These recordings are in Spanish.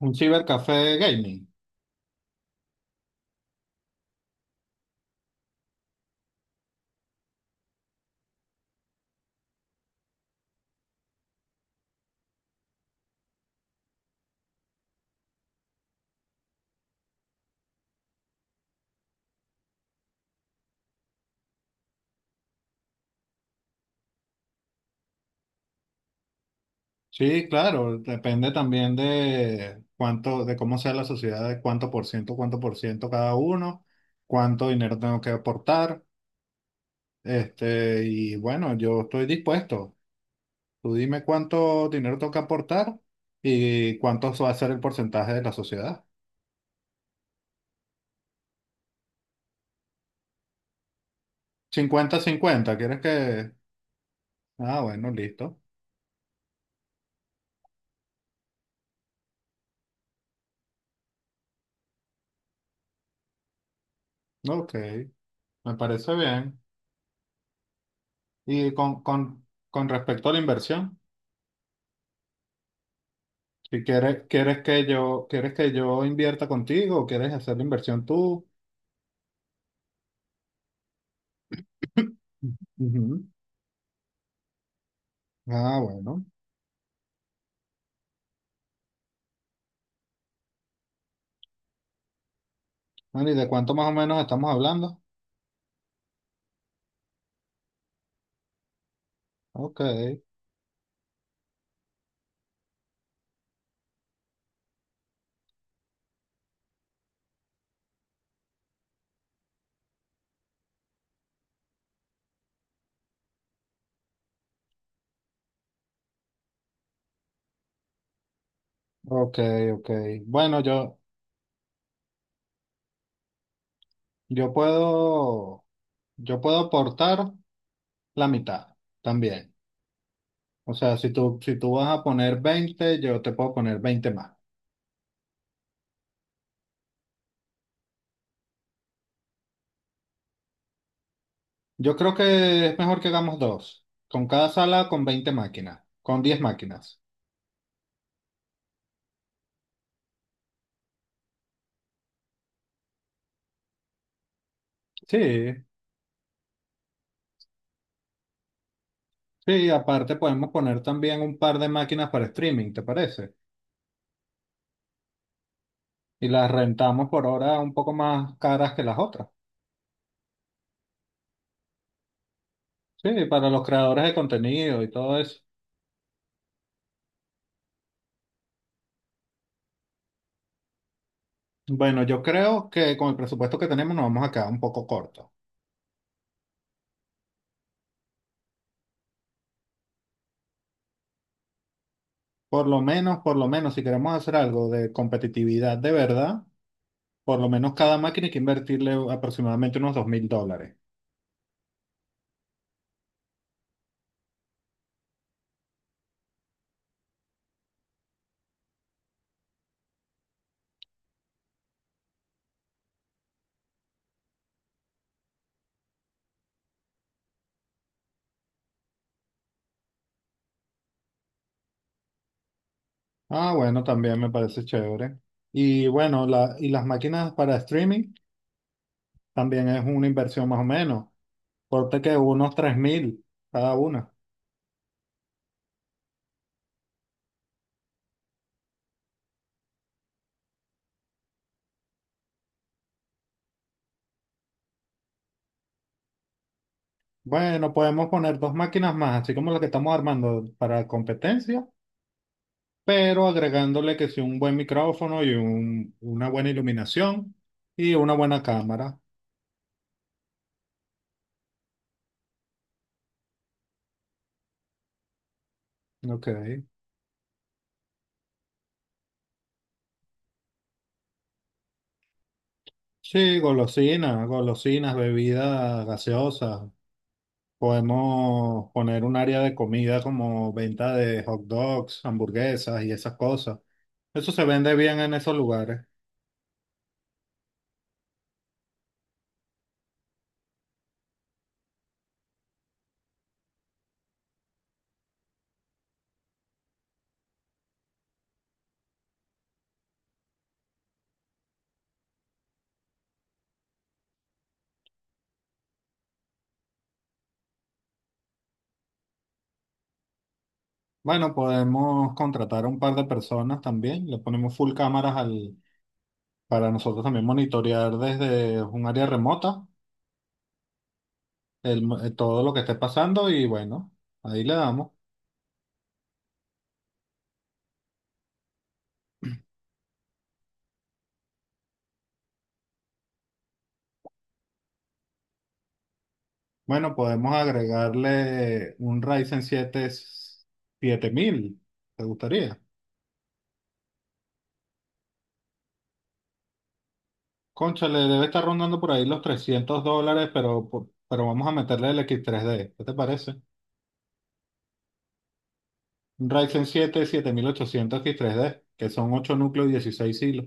Un cibercafé gaming. Sí, claro, depende también de cuánto, de cómo sea la sociedad, de cuánto por ciento cada uno, cuánto dinero tengo que aportar. Este, y bueno, yo estoy dispuesto. Tú dime cuánto dinero tengo que aportar y cuánto va a ser el porcentaje de la sociedad. Cincuenta-cincuenta, ¿quieres que...? Ah, bueno, listo. Ok, me parece bien. ¿Y con respecto a la inversión? Si quieres, quieres que yo invierta contigo o quieres hacer la inversión tú. Ujú. Ah, bueno. Bueno, ¿y de cuánto más o menos estamos hablando? Ok, ok, ok. Bueno, yo puedo, yo puedo aportar la mitad también. O sea, si tú vas a poner 20, yo te puedo poner 20 más. Yo creo que es mejor que hagamos dos. Con cada sala, con 20 máquinas, con 10 máquinas. Sí, sí, aparte podemos poner también un par de máquinas para streaming, ¿te parece? Y las rentamos por ahora un poco más caras que las otras. Sí, para los creadores de contenido y todo eso. Bueno, yo creo que con el presupuesto que tenemos nos vamos a quedar un poco cortos. Por lo menos, si queremos hacer algo de competitividad de verdad, por lo menos cada máquina hay que invertirle aproximadamente unos $2.000. Ah, bueno, también me parece chévere. Y bueno, y las máquinas para streaming también es una inversión más o menos, corte que unos 3.000 cada una. Bueno, podemos poner dos máquinas más, así como la que estamos armando para competencia, pero agregándole que sí un buen micrófono y una buena iluminación y una buena cámara. Ok. Sí, golosinas, golosinas, bebidas gaseosas. Podemos poner un área de comida como venta de hot dogs, hamburguesas y esas cosas. Eso se vende bien en esos lugares. Bueno, podemos contratar a un par de personas también. Le ponemos full cámaras para nosotros también monitorear desde un área remota todo lo que esté pasando y bueno, ahí le damos. Bueno, podemos agregarle un Ryzen 7 7000. ¿Te gustaría? Concha, le debe estar rondando por ahí los $300, pero vamos a meterle el X3D. ¿Qué te parece? Un Ryzen 7 7800 X3D, que son 8 núcleos y 16 hilos.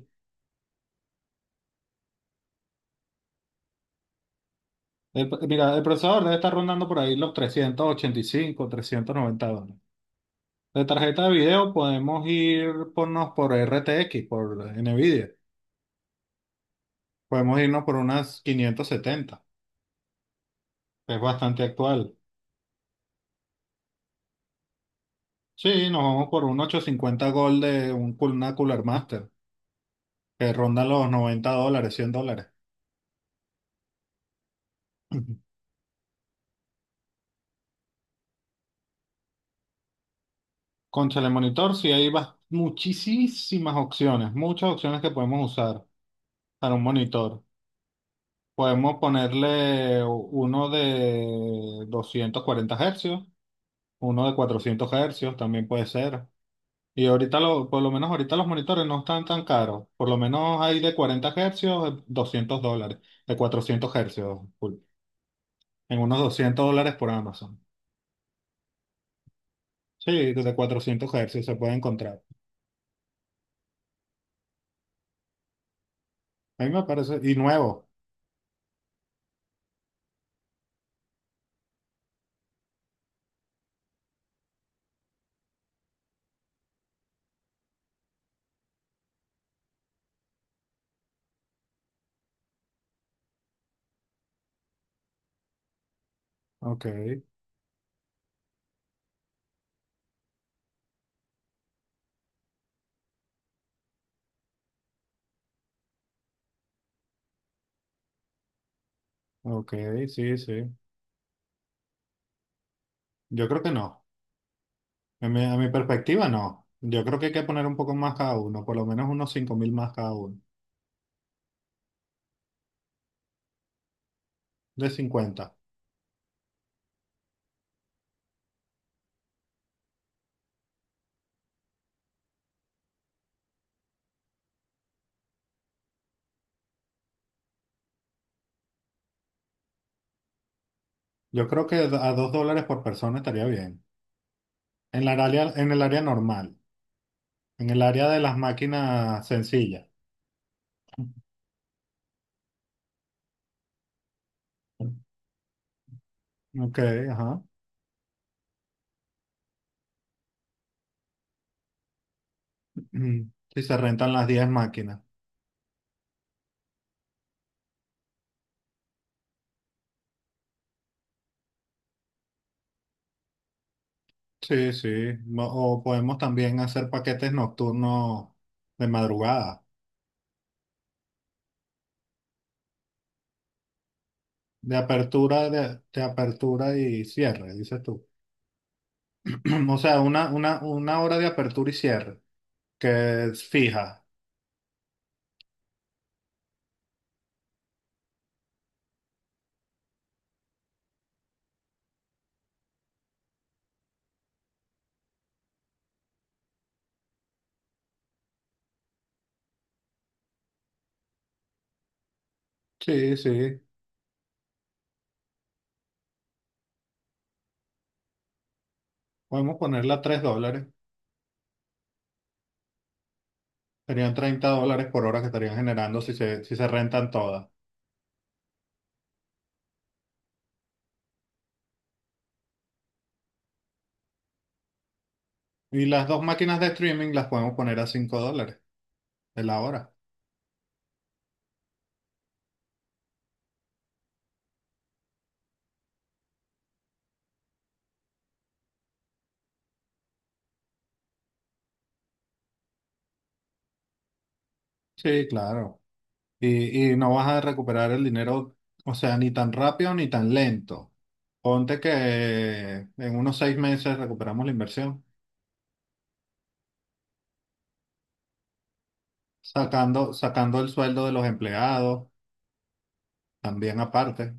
Mira, el procesador debe estar rondando por ahí los 385, $390. De tarjeta de video podemos ir ponnos por RTX, por NVIDIA. Podemos irnos por unas 570. Es bastante actual. Sí, nos vamos por un 850 Gold de una Cooler Master, que ronda los $90, $100. Con telemonitor sí hay muchísimas opciones, muchas opciones que podemos usar para un monitor. Podemos ponerle uno de 240 Hz, uno de 400 Hz también puede ser. Y ahorita, por lo menos ahorita los monitores no están tan caros. Por lo menos hay de 40 Hz, $200. De 400 hercios, full. En unos $200 por Amazon. Sí, de 400 Hz se puede encontrar. A mí me parece, y nuevo. Ok, ok, sí, sí. Yo creo que no. A mi perspectiva, no. Yo creo que hay que poner un poco más cada uno, por lo menos unos 5.000 más cada uno, de 50. Yo creo que a $2 por persona estaría bien. En el área normal, en el área de las máquinas sencillas. Ok, ajá. Si se rentan las 10 máquinas. Sí, sí. O podemos también hacer paquetes nocturnos de madrugada, de apertura, de apertura y cierre, dices tú. O sea, una hora de apertura y cierre que es fija. Sí, sí. Podemos ponerla a $3. Serían $30 por hora que estarían generando si se rentan todas. Y las dos máquinas de streaming las podemos poner a $5 de la hora. Sí, claro. Y no vas a recuperar el dinero, o sea, ni tan rápido ni tan lento. Ponte que en unos 6 meses recuperamos la inversión, sacando, sacando el sueldo de los empleados, también aparte.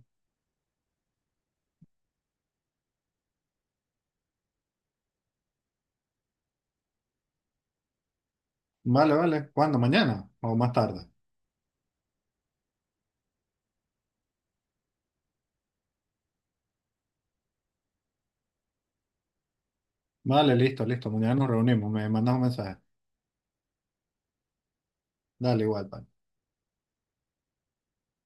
Vale, vale. ¿Cuándo? ¿Mañana o más tarde? Vale, listo, listo. Mañana nos reunimos. Me mandas un mensaje. Dale, igual, pa.